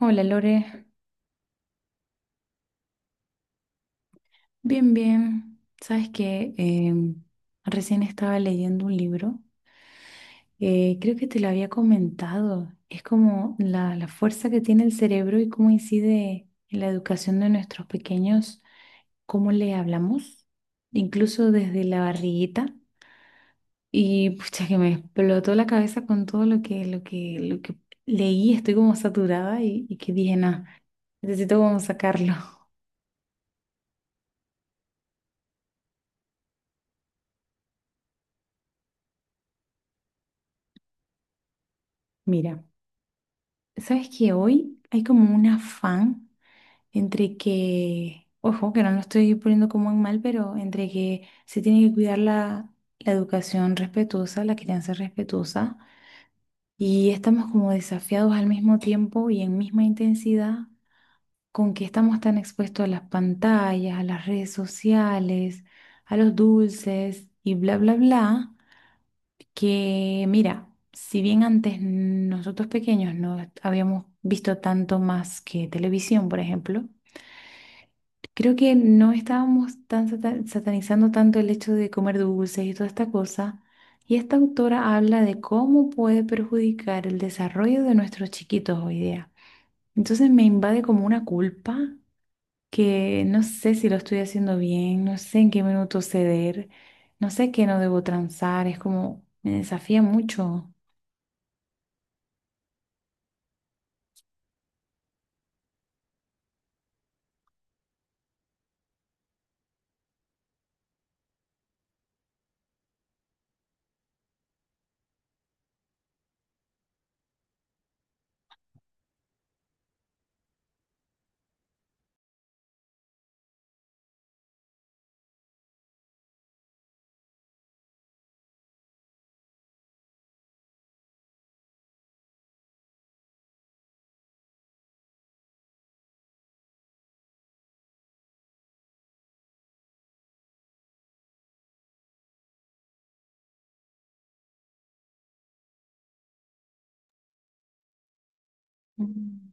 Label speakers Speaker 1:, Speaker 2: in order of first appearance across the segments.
Speaker 1: Hola Lore, bien, bien. Sabes que recién estaba leyendo un libro. Creo que te lo había comentado, es como la fuerza que tiene el cerebro y cómo incide en la educación de nuestros pequeños, cómo le hablamos, incluso desde la barriguita. Y pucha, que me explotó la cabeza con todo lo que leí. Estoy como saturada y que dije, nada, necesito como sacarlo. Mira. Sabes que hoy hay como un afán entre que, ojo, que no lo estoy poniendo como en mal, pero entre que se tiene que cuidar la, la educación respetuosa, la crianza respetuosa, y estamos como desafiados al mismo tiempo y en misma intensidad con que estamos tan expuestos a las pantallas, a las redes sociales, a los dulces y bla, bla, bla, que mira, si bien antes nosotros pequeños no habíamos visto tanto más que televisión, por ejemplo, creo que no estábamos tan satanizando tanto el hecho de comer dulces y toda esta cosa. Y esta autora habla de cómo puede perjudicar el desarrollo de nuestros chiquitos hoy día. Entonces me invade como una culpa que no sé si lo estoy haciendo bien, no sé en qué minuto ceder, no sé qué no debo transar, es como me desafía mucho. Mm.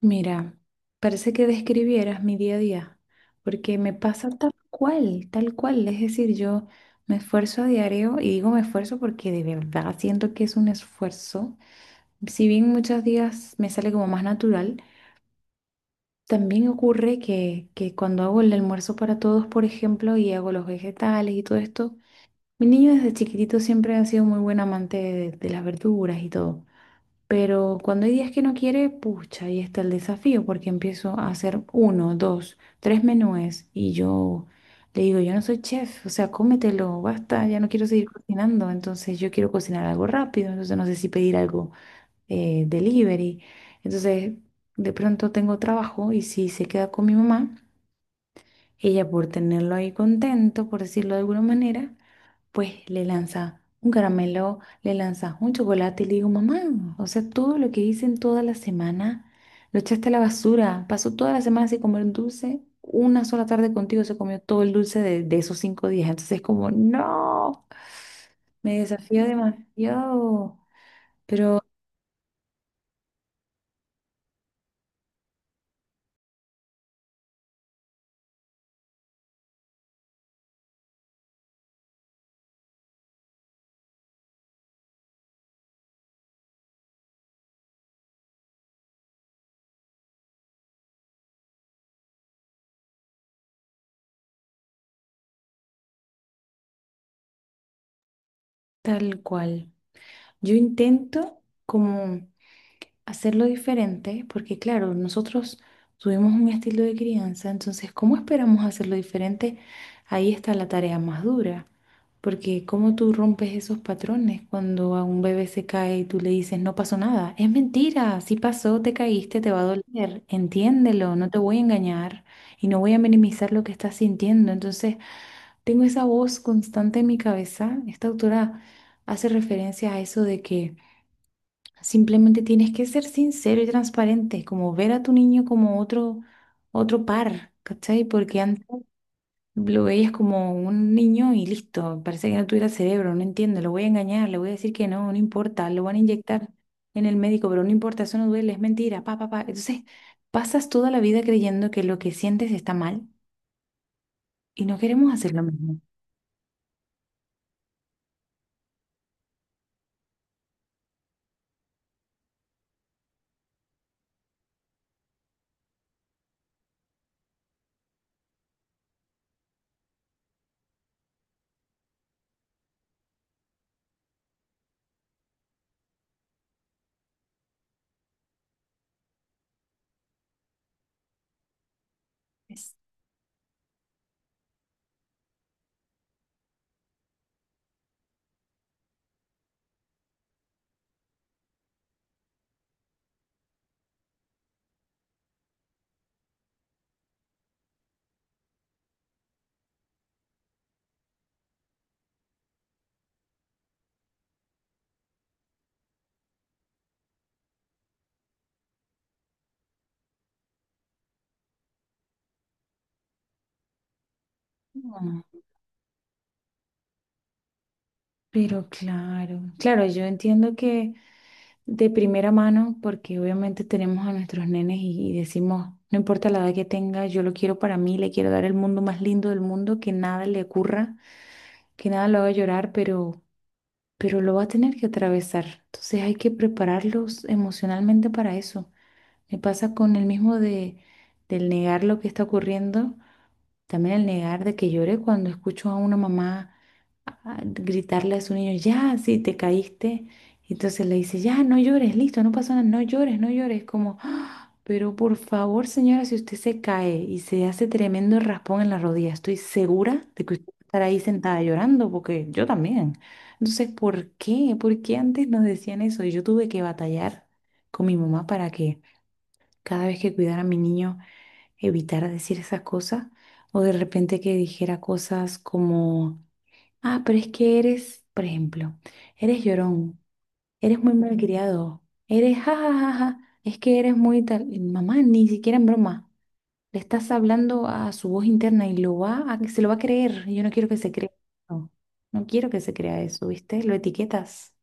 Speaker 1: Mira, parece que describieras mi día a día, porque me pasa tal cual, tal cual. Es decir, yo me esfuerzo a diario y digo me esfuerzo porque de verdad siento que es un esfuerzo. Si bien muchos días me sale como más natural, también ocurre que cuando hago el almuerzo para todos, por ejemplo, y hago los vegetales y todo esto, mi niño desde chiquitito siempre ha sido muy buen amante de las verduras y todo. Pero cuando hay días que no quiere, pucha, ahí está el desafío, porque empiezo a hacer uno, dos, tres menúes y yo le digo, yo no soy chef, o sea, cómetelo, basta, ya no quiero seguir cocinando, entonces yo quiero cocinar algo rápido, entonces no sé si pedir algo delivery. Entonces, de pronto tengo trabajo y si se queda con mi mamá. Ella, por tenerlo ahí contento, por decirlo de alguna manera, pues le lanza un caramelo, le lanza un chocolate y le digo, mamá, o sea, todo lo que hice en toda la semana lo echaste a la basura. Pasó toda la semana sin comer dulce. Una sola tarde contigo se comió todo el dulce de esos cinco días. Entonces es como, no, me desafió demasiado, pero tal cual. Yo intento como hacerlo diferente, porque claro, nosotros tuvimos un estilo de crianza, entonces, ¿cómo esperamos hacerlo diferente? Ahí está la tarea más dura, porque ¿cómo tú rompes esos patrones cuando a un bebé se cae y tú le dices, no pasó nada? Es mentira, si pasó, te caíste, te va a doler, entiéndelo, no te voy a engañar y no voy a minimizar lo que estás sintiendo. Entonces, tengo esa voz constante en mi cabeza. Esta autora hace referencia a eso de que simplemente tienes que ser sincero y transparente, como ver a tu niño como otro, otro par, ¿cachai? Porque antes lo veías como un niño y listo, parece que no tuviera cerebro, no entiendo, lo voy a engañar, le voy a decir que no, no importa, lo van a inyectar en el médico, pero no importa, eso no duele, es mentira, pa, pa, pa. Entonces, pasas toda la vida creyendo que lo que sientes está mal y no queremos hacer lo mismo. Es- no. Pero claro, claro, yo entiendo que de primera mano, porque obviamente tenemos a nuestros nenes y decimos, no importa la edad que tenga, yo lo quiero para mí, le quiero dar el mundo más lindo del mundo, que nada le ocurra, que nada lo haga llorar, pero lo va a tener que atravesar. Entonces hay que prepararlos emocionalmente para eso. Me pasa con el mismo de, del negar lo que está ocurriendo, también el negar de que llore cuando escucho a una mamá a gritarle a su niño, ya, sí, te caíste. Y entonces le dice, ya, no llores, listo, no pasa nada, no llores, no llores. Como, "Ah, pero por favor, señora, si usted se cae y se hace tremendo raspón en la rodilla, estoy segura de que usted va a estar ahí sentada llorando, porque yo también. Entonces, ¿por qué? ¿Por qué antes nos decían eso? Y yo tuve que batallar con mi mamá para que cada vez que cuidara a mi niño evitara decir esas cosas. O de repente que dijera cosas como ah, pero es que eres, por ejemplo, eres llorón, eres muy malcriado, eres jajajaja, es que eres muy tal. Mamá, ni siquiera en broma. Le estás hablando a su voz interna y lo va a, se lo va a creer. Yo no quiero que se crea. No, no quiero que se crea eso, ¿viste? Lo etiquetas.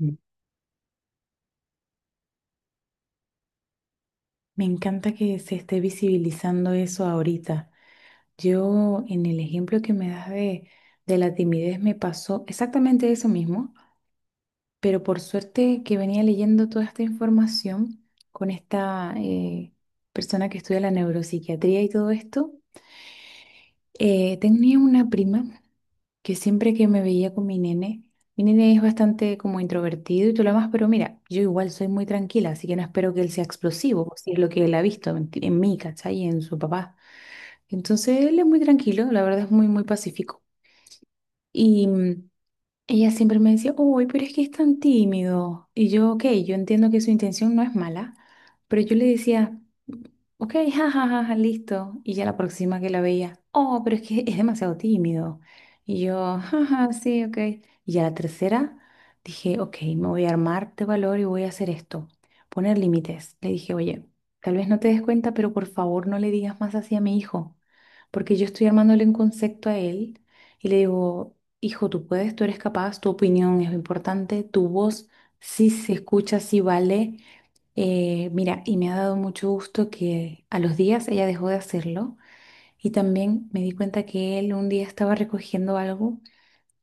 Speaker 1: Mm. Me encanta que se esté visibilizando eso ahorita. Yo, en el ejemplo que me das de la timidez, me pasó exactamente eso mismo. Pero por suerte que venía leyendo toda esta información con esta persona que estudia la neuropsiquiatría y todo esto. Tenía una prima que siempre que me veía con mi nene es bastante como introvertido y todo lo demás, pero mira, yo igual soy muy tranquila, así que no espero que él sea explosivo, si es lo que él ha visto en, en mí, ¿cachai? Y en su papá. Entonces él es muy tranquilo, la verdad es muy, muy pacífico. y mm, Ella siempre me decía, uy, pero es que es tan tímido. Y yo, ok, yo entiendo que su intención no es mala, pero yo le decía, ok, jajaja, listo. Y ya la próxima que la veía, oh, pero es que es demasiado tímido. Y yo, jaja, sí, ok. Y ya la tercera, dije, ok, me voy a armar de valor y voy a hacer esto, poner límites. Le dije, oye, tal vez no te des cuenta, pero por favor no le digas más así a mi hijo, porque yo estoy armándole un concepto a él y le digo, hijo, tú puedes, tú eres capaz, tu opinión es importante, tu voz sí se escucha, sí vale. Mira, y me ha dado mucho gusto que a los días ella dejó de hacerlo y también me di cuenta que él un día estaba recogiendo algo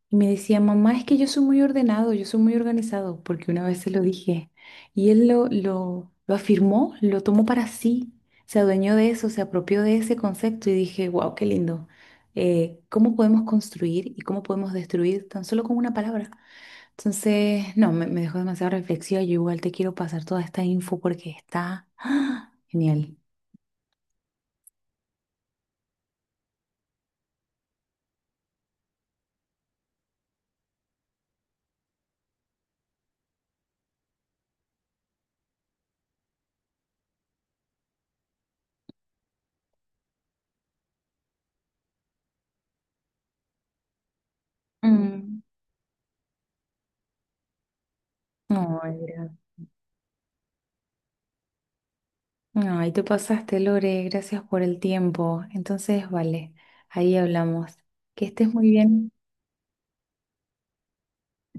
Speaker 1: y me decía, mamá, es que yo soy muy ordenado, yo soy muy organizado, porque una vez se lo dije y él lo afirmó, lo tomó para sí, se adueñó de eso, se apropió de ese concepto y dije, wow, qué lindo. ¿Cómo podemos construir y cómo podemos destruir tan solo con una palabra? Entonces, no, me dejó demasiado reflexiva. Yo igual te quiero pasar toda esta info porque está ¡ah! Genial. Mm. Ay, gra- Ay, te pasaste, Lore. Gracias por el tiempo. Entonces, vale, ahí hablamos. Que estés muy bien.